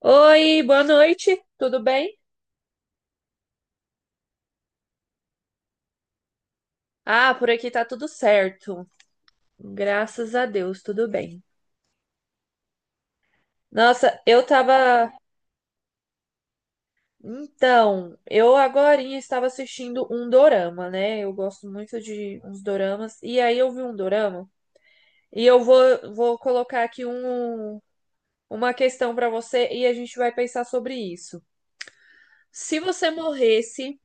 Oi, boa noite, tudo bem? Ah, por aqui tá tudo certo. Graças a Deus, tudo bem. Nossa, eu tava. Então, eu agorinha estava assistindo um dorama, né? Eu gosto muito de uns doramas. E aí eu vi um dorama. E eu vou colocar aqui uma questão pra você e a gente vai pensar sobre isso. Se você morresse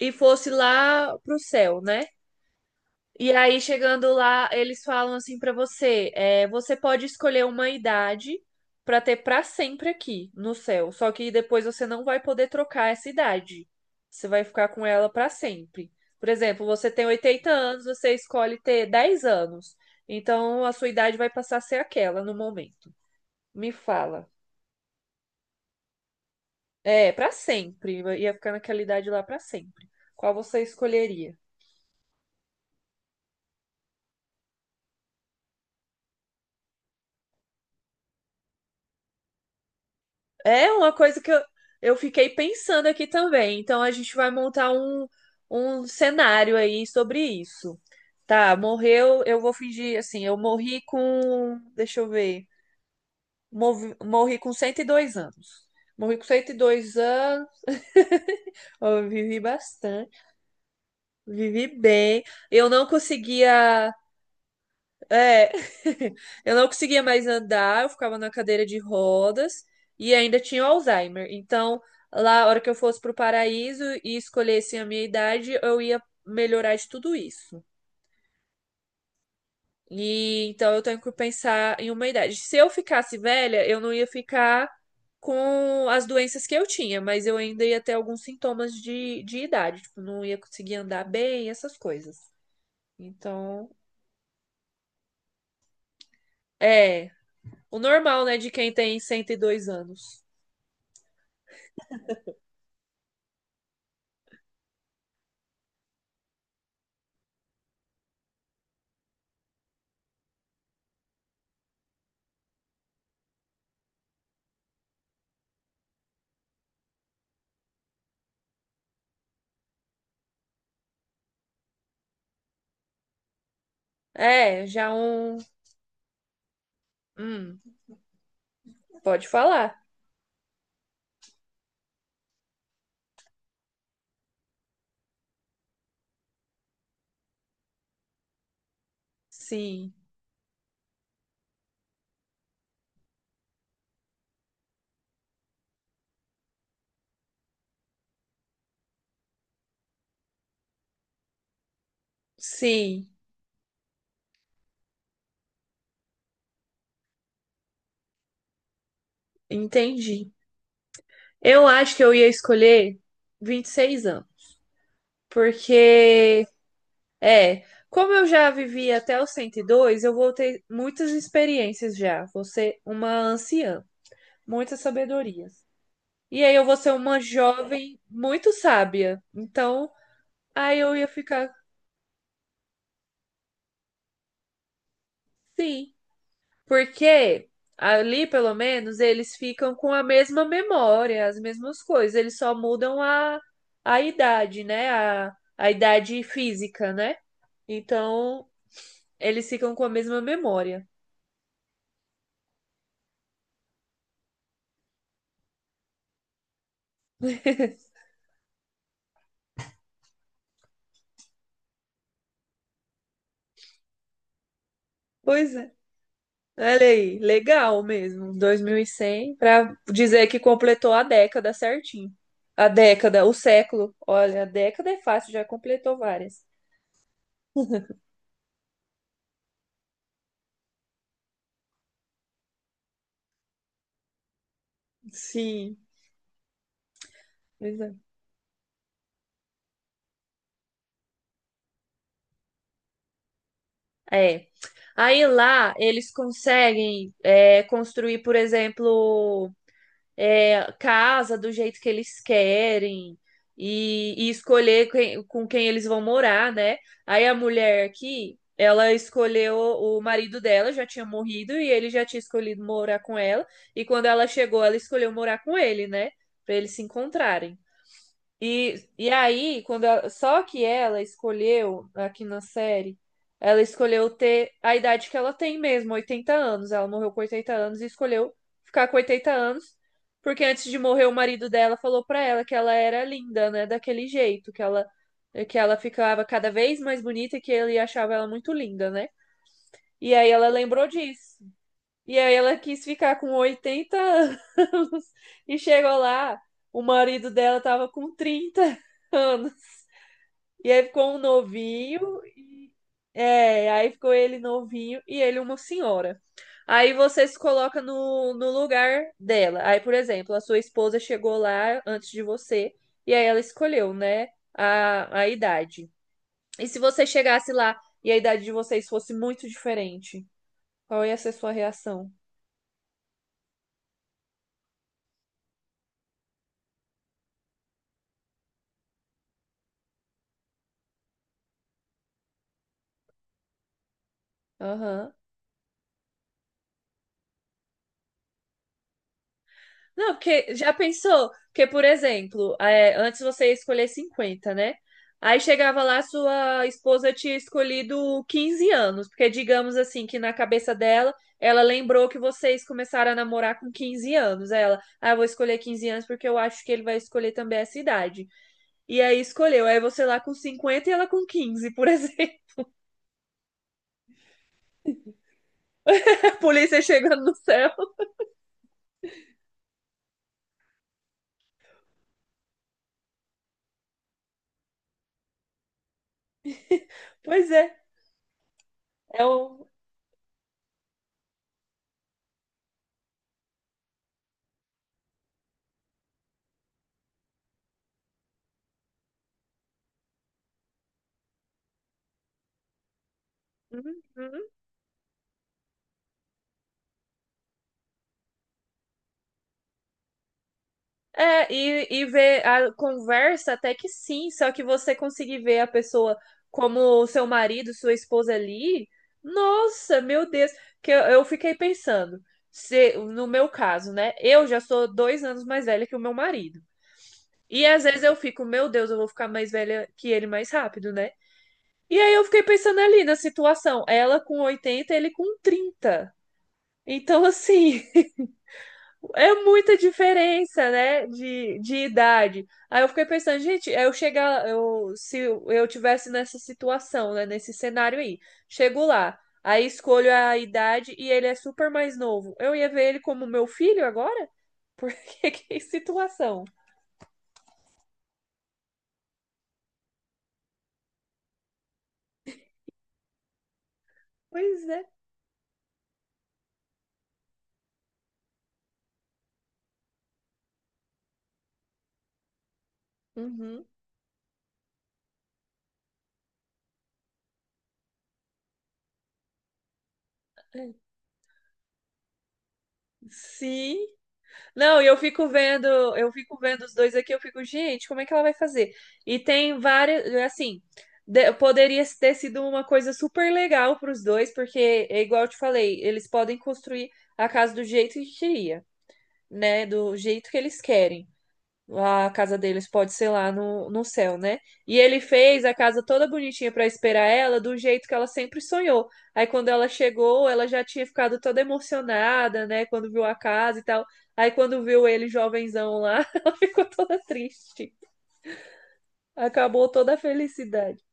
e fosse lá pro céu, né? E aí, chegando lá, eles falam assim pra você: você pode escolher uma idade pra ter pra sempre aqui no céu. Só que depois você não vai poder trocar essa idade. Você vai ficar com ela pra sempre. Por exemplo, você tem oitenta anos, você escolhe ter 10 anos. Então a sua idade vai passar a ser aquela no momento. Me fala. É, pra sempre. Ia ficar naquela idade lá pra sempre. Qual você escolheria? É uma coisa que eu fiquei pensando aqui também. Então a gente vai montar um cenário aí sobre isso. Tá, morreu, eu vou fingir assim, eu morri com, deixa eu ver, morri com 102 anos. Morri com cento e dois anos, eu vivi bastante, vivi bem. Eu não conseguia É, eu não conseguia mais andar, eu ficava na cadeira de rodas e ainda tinha o Alzheimer. Então, lá, a hora que eu fosse pro paraíso e escolhesse a minha idade, eu ia melhorar de tudo isso. E então eu tenho que pensar em uma idade. Se eu ficasse velha, eu não ia ficar com as doenças que eu tinha, mas eu ainda ia ter alguns sintomas de idade, tipo, não ia conseguir andar bem, essas coisas. Então, é o normal, né, de quem tem 102 anos. É, já um. Hum, Pode falar. Sim. Sim, entendi. Eu acho que eu ia escolher 26 anos, porque é, como eu já vivi até os 102, eu vou ter muitas experiências já, vou ser uma anciã, muitas sabedorias. E aí eu vou ser uma jovem muito sábia. Então, aí eu ia ficar, sim, porque ali, pelo menos, eles ficam com a mesma memória, as mesmas coisas, eles só mudam a idade, né? A idade física, né? Então, eles ficam com a mesma memória. Pois é. Olha aí, legal mesmo. Dois mil e cem para dizer que completou a década certinho. A década, o século. Olha, a década é fácil, já completou várias. Sim, pois é. É. Aí lá eles conseguem construir, por exemplo, casa do jeito que eles querem e escolher com quem eles vão morar, né? Aí a mulher aqui, ela escolheu o marido dela, já tinha morrido e ele já tinha escolhido morar com ela. E quando ela chegou, ela escolheu morar com ele, né? Pra eles se encontrarem. E aí, só que ela escolheu, aqui na série, ela escolheu ter a idade que ela tem mesmo, 80 anos. Ela morreu com 80 anos e escolheu ficar com 80 anos, porque antes de morrer, o marido dela falou pra ela que ela era linda, né? Daquele jeito, que ela ficava cada vez mais bonita e que ele achava ela muito linda, né? E aí ela lembrou disso. E aí ela quis ficar com 80 anos e chegou lá, o marido dela tava com 30 anos. E aí ficou um novinho, aí ficou ele novinho e ele uma senhora. Aí você se coloca no lugar dela. Aí, por exemplo, a sua esposa chegou lá antes de você e aí ela escolheu, né, a idade. E se você chegasse lá e a idade de vocês fosse muito diferente, qual ia ser sua reação? Aham. Não, porque já pensou? Que, por exemplo, antes você ia escolher 50, né? Aí chegava lá, sua esposa tinha escolhido 15 anos, porque digamos assim que na cabeça dela, ela lembrou que vocês começaram a namorar com 15 anos. Aí eu vou escolher 15 anos porque eu acho que ele vai escolher também essa idade. E aí escolheu, aí você lá com 50 e ela com quinze, por exemplo. A polícia chegando no céu. Pois é, é o. É, e ver a conversa até que sim, só que você conseguir ver a pessoa como seu marido, sua esposa ali, nossa, meu Deus, que eu fiquei pensando, se, no meu caso, né? Eu já sou dois anos mais velha que o meu marido. E às vezes eu fico, meu Deus, eu vou ficar mais velha que ele mais rápido, né? E aí eu fiquei pensando ali na situação, ela com oitenta, ele com trinta. Então, assim, é muita diferença, né, de idade. Aí eu fiquei pensando, gente, se eu tivesse nessa situação, né, nesse cenário aí, chego lá, aí escolho a idade e ele é super mais novo. Eu ia ver ele como meu filho agora? Porque que situação? Pois é. Uhum. Sim. Não, e eu fico vendo os dois aqui, eu fico, gente, como é que ela vai fazer? E tem várias, é assim, poderia ter sido uma coisa super legal para os dois, porque é igual eu te falei, eles podem construir a casa do jeito que queria, né? Do jeito que eles querem. A casa deles pode ser lá no céu, né? E ele fez a casa toda bonitinha pra esperar ela, do jeito que ela sempre sonhou. Aí quando ela chegou, ela já tinha ficado toda emocionada, né? Quando viu a casa e tal. Aí quando viu ele jovenzão lá, ela ficou toda triste. Acabou toda a felicidade.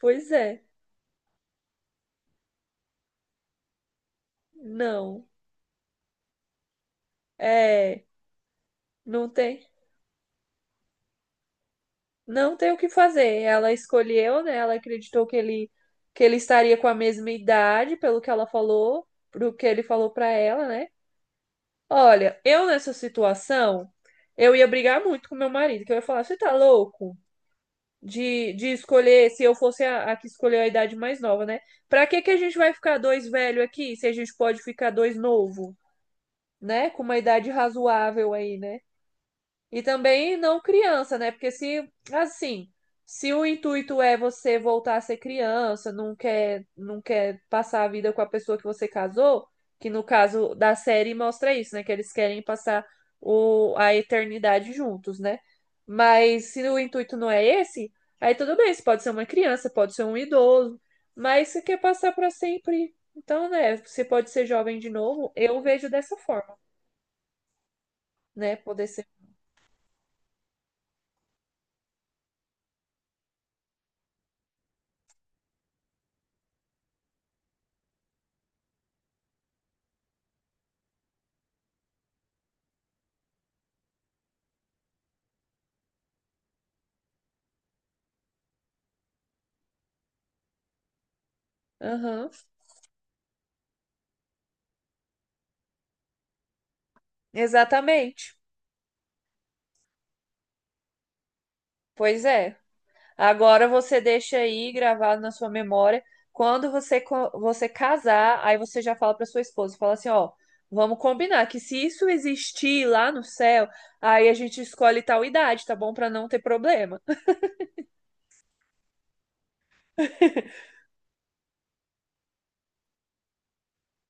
Pois é, não. É, não tem. não tem o que fazer. Ela escolheu, né? Ela acreditou que ele estaria com a mesma idade, pelo que ela falou, pro que ele falou pra ela, né? Olha, eu nessa situação, eu ia brigar muito com meu marido, que eu ia falar, você tá louco? De escolher, se eu fosse a que escolheu a idade mais nova, né? Pra que que a gente vai ficar dois velho aqui, se a gente pode ficar dois novo, né? Com uma idade razoável aí, né? E também não criança, né? Porque se, assim, se o intuito é você voltar a ser criança, não quer passar a vida com a pessoa que você casou, que no caso da série mostra isso, né? Que eles querem passar a eternidade juntos, né? Mas se o intuito não é esse, aí tudo bem, você pode ser uma criança, pode ser um idoso, mas você quer passar para sempre. Então, né, você pode ser jovem de novo, eu vejo dessa forma, né? Poder ser. Aham, exatamente. Pois é. Agora você deixa aí gravado na sua memória. Quando você, você casar, aí você já fala para sua esposa, fala assim, ó, vamos combinar que se isso existir lá no céu, aí a gente escolhe tal idade, tá bom? Para não ter problema.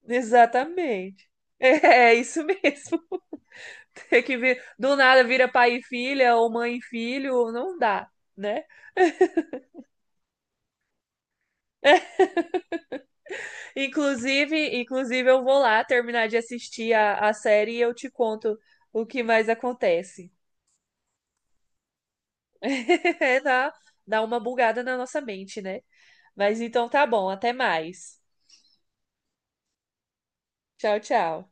Exatamente. É, é isso mesmo. Tem que vir, do nada vira pai e filha, ou mãe e filho, não dá, né? Inclusive, inclusive eu vou lá terminar de assistir a série e eu te conto o que mais acontece. É, Dá uma bugada na nossa mente, né? Mas então tá bom, até mais. Tchau, tchau.